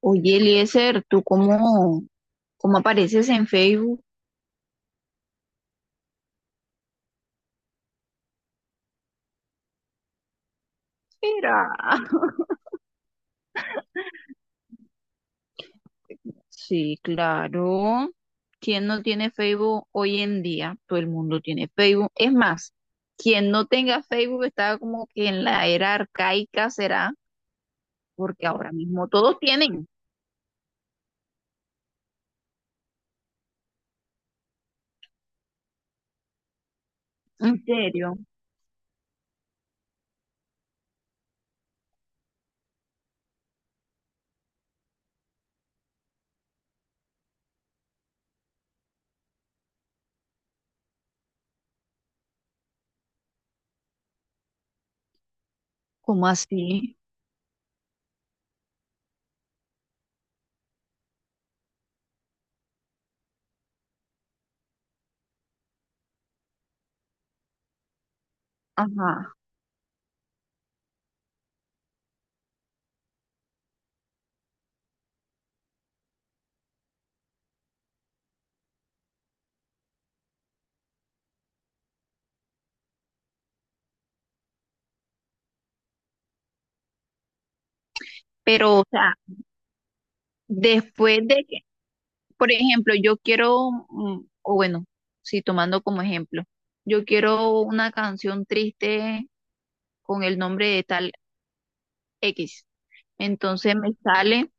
Oye, Eliezer, ¿cómo apareces en Facebook? Mira. Sí, claro. ¿Quién no tiene Facebook hoy en día? Todo el mundo tiene Facebook. Es más, quien no tenga Facebook está como que en la era arcaica será, porque ahora mismo todos tienen. ¿En serio? ¿Cómo así? Ajá. Pero, o sea, después de que, por ejemplo, o bueno, sí, tomando como ejemplo, yo quiero una canción triste con el nombre de tal X. Entonces me sale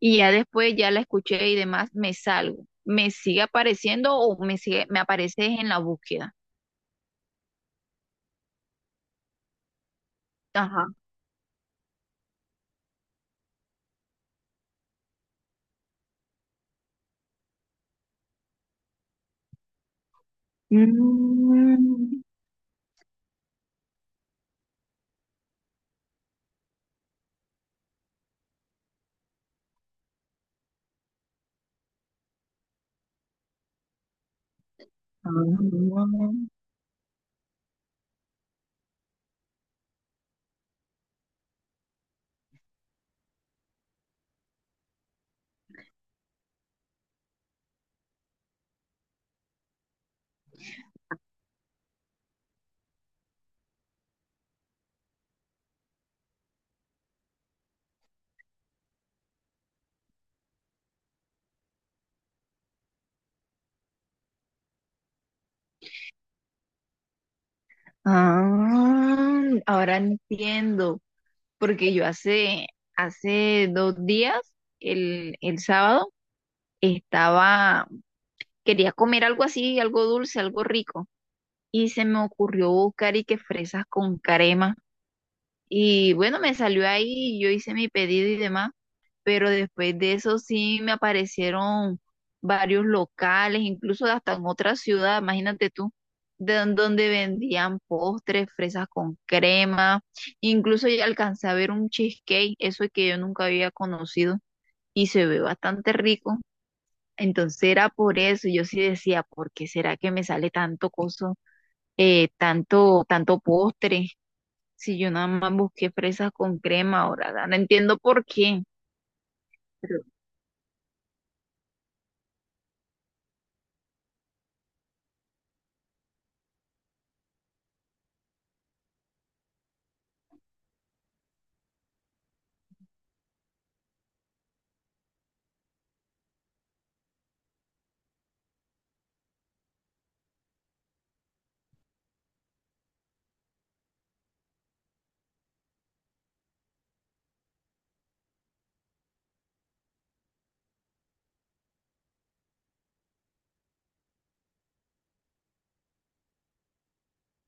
y ya después ya la escuché y demás, me salgo. ¿Me sigue apareciendo o me aparece en la búsqueda? Ajá. Mm, ah, ahora entiendo, porque hace 2 días, el sábado, estaba, quería comer algo así, algo dulce, algo rico, y se me ocurrió buscar y que fresas con crema. Y bueno, me salió ahí, yo hice mi pedido y demás, pero después de eso sí me aparecieron varios locales, incluso hasta en otra ciudad, imagínate tú, de don- donde vendían postres, fresas con crema, incluso ya alcancé a ver un cheesecake, eso que yo nunca había conocido y se ve bastante rico. Entonces era por eso, yo sí decía, ¿por qué será que me sale tanto coso, tanto postre? Si yo nada más busqué fresas con crema ahora, no entiendo por qué. Pero,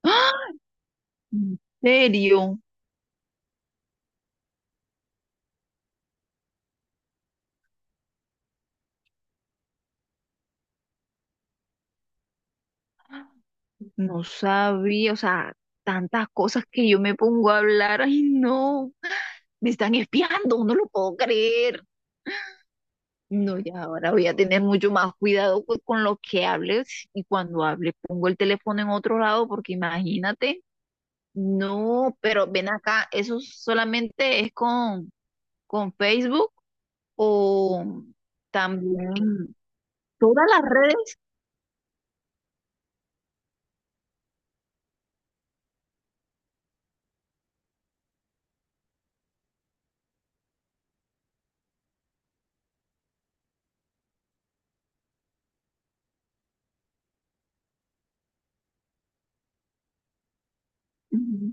¡ah! ¿En serio? No sabía, o sea, tantas cosas que yo me pongo a hablar. Ay, no, me están espiando, no lo puedo creer. No, ya ahora voy a tener mucho más cuidado co- con lo que hables y cuando hable pongo el teléfono en otro lado porque imagínate. No, pero ven acá, ¿eso solamente es con, ¿con Facebook o también? Todas las redes, ujú,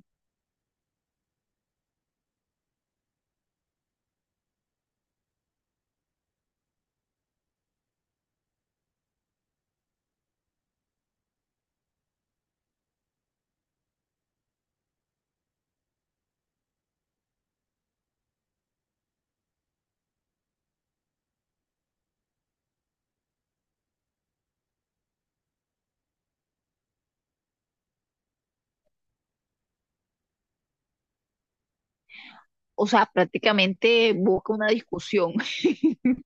o sea, prácticamente busca una discusión.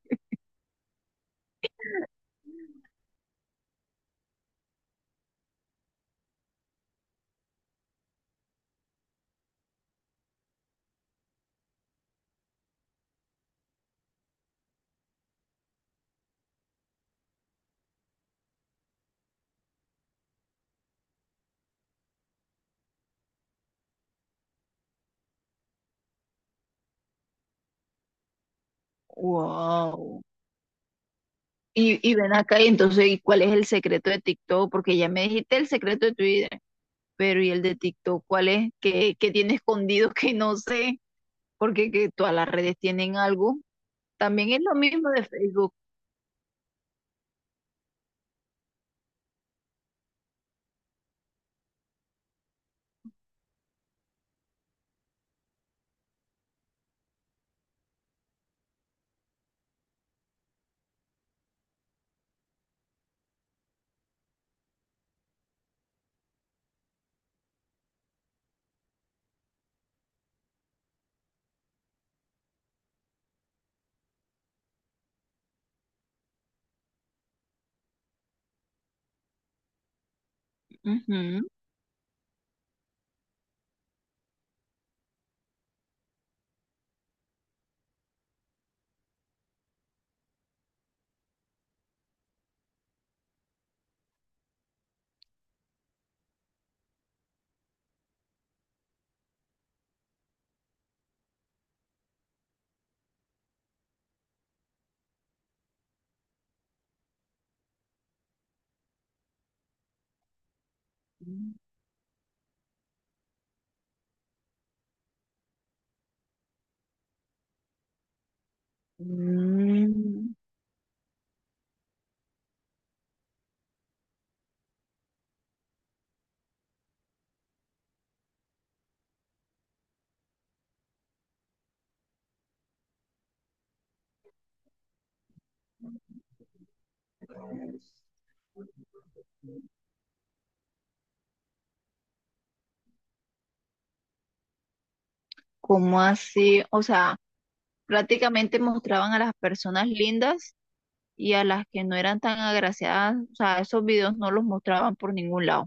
Wow. Y ven acá y entonces, ¿y cuál es el secreto de TikTok? Porque ya me dijiste el secreto de Twitter, pero ¿y el de TikTok cuál es? ¿Qué tiene escondido que no sé? Porque que todas las redes tienen algo. También es lo mismo de Facebook. Ujú. Mm, ¿cómo así? O sea, prácticamente mostraban a las personas lindas y a las que no eran tan agraciadas, o sea, esos videos no los mostraban por ningún lado.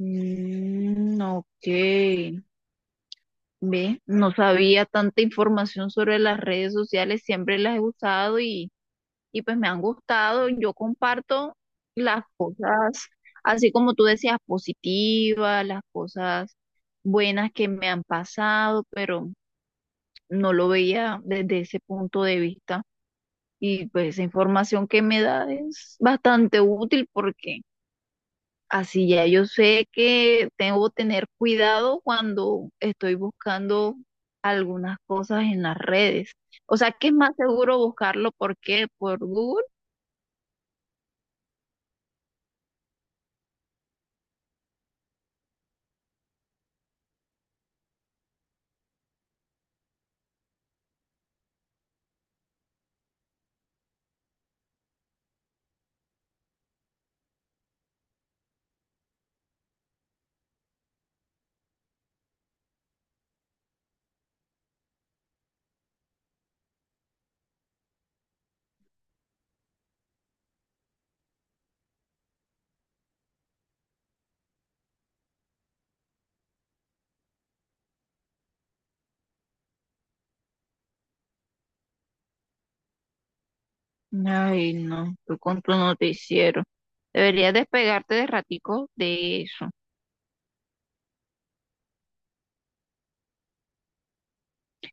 Mm, ok, ve, no sabía tanta información sobre las redes sociales, siempre las he usado y pues me han gustado. Yo comparto las cosas, así como tú decías, positivas, las cosas buenas que me han pasado, pero no lo veía desde ese punto de vista. Y pues esa información que me da es bastante útil porque así ya yo sé que tengo que tener cuidado cuando estoy buscando algunas cosas en las redes. O sea, ¿que es más seguro buscarlo por qué? ¿Por Google? Ay, no, tú con tu noticiero. Deberías despegarte de ratico de eso.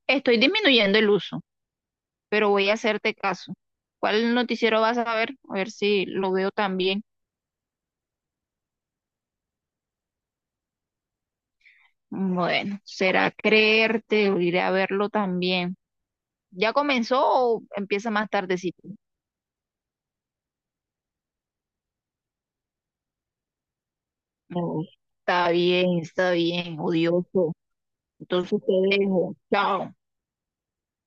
Estoy disminuyendo el uso, pero voy a hacerte caso. ¿Cuál noticiero vas a ver? A ver si lo veo también. Bueno, será creerte, o iré a verlo también. ¿Ya comenzó o empieza más tardecito? No, está bien, odioso. Entonces te dejo. Chao.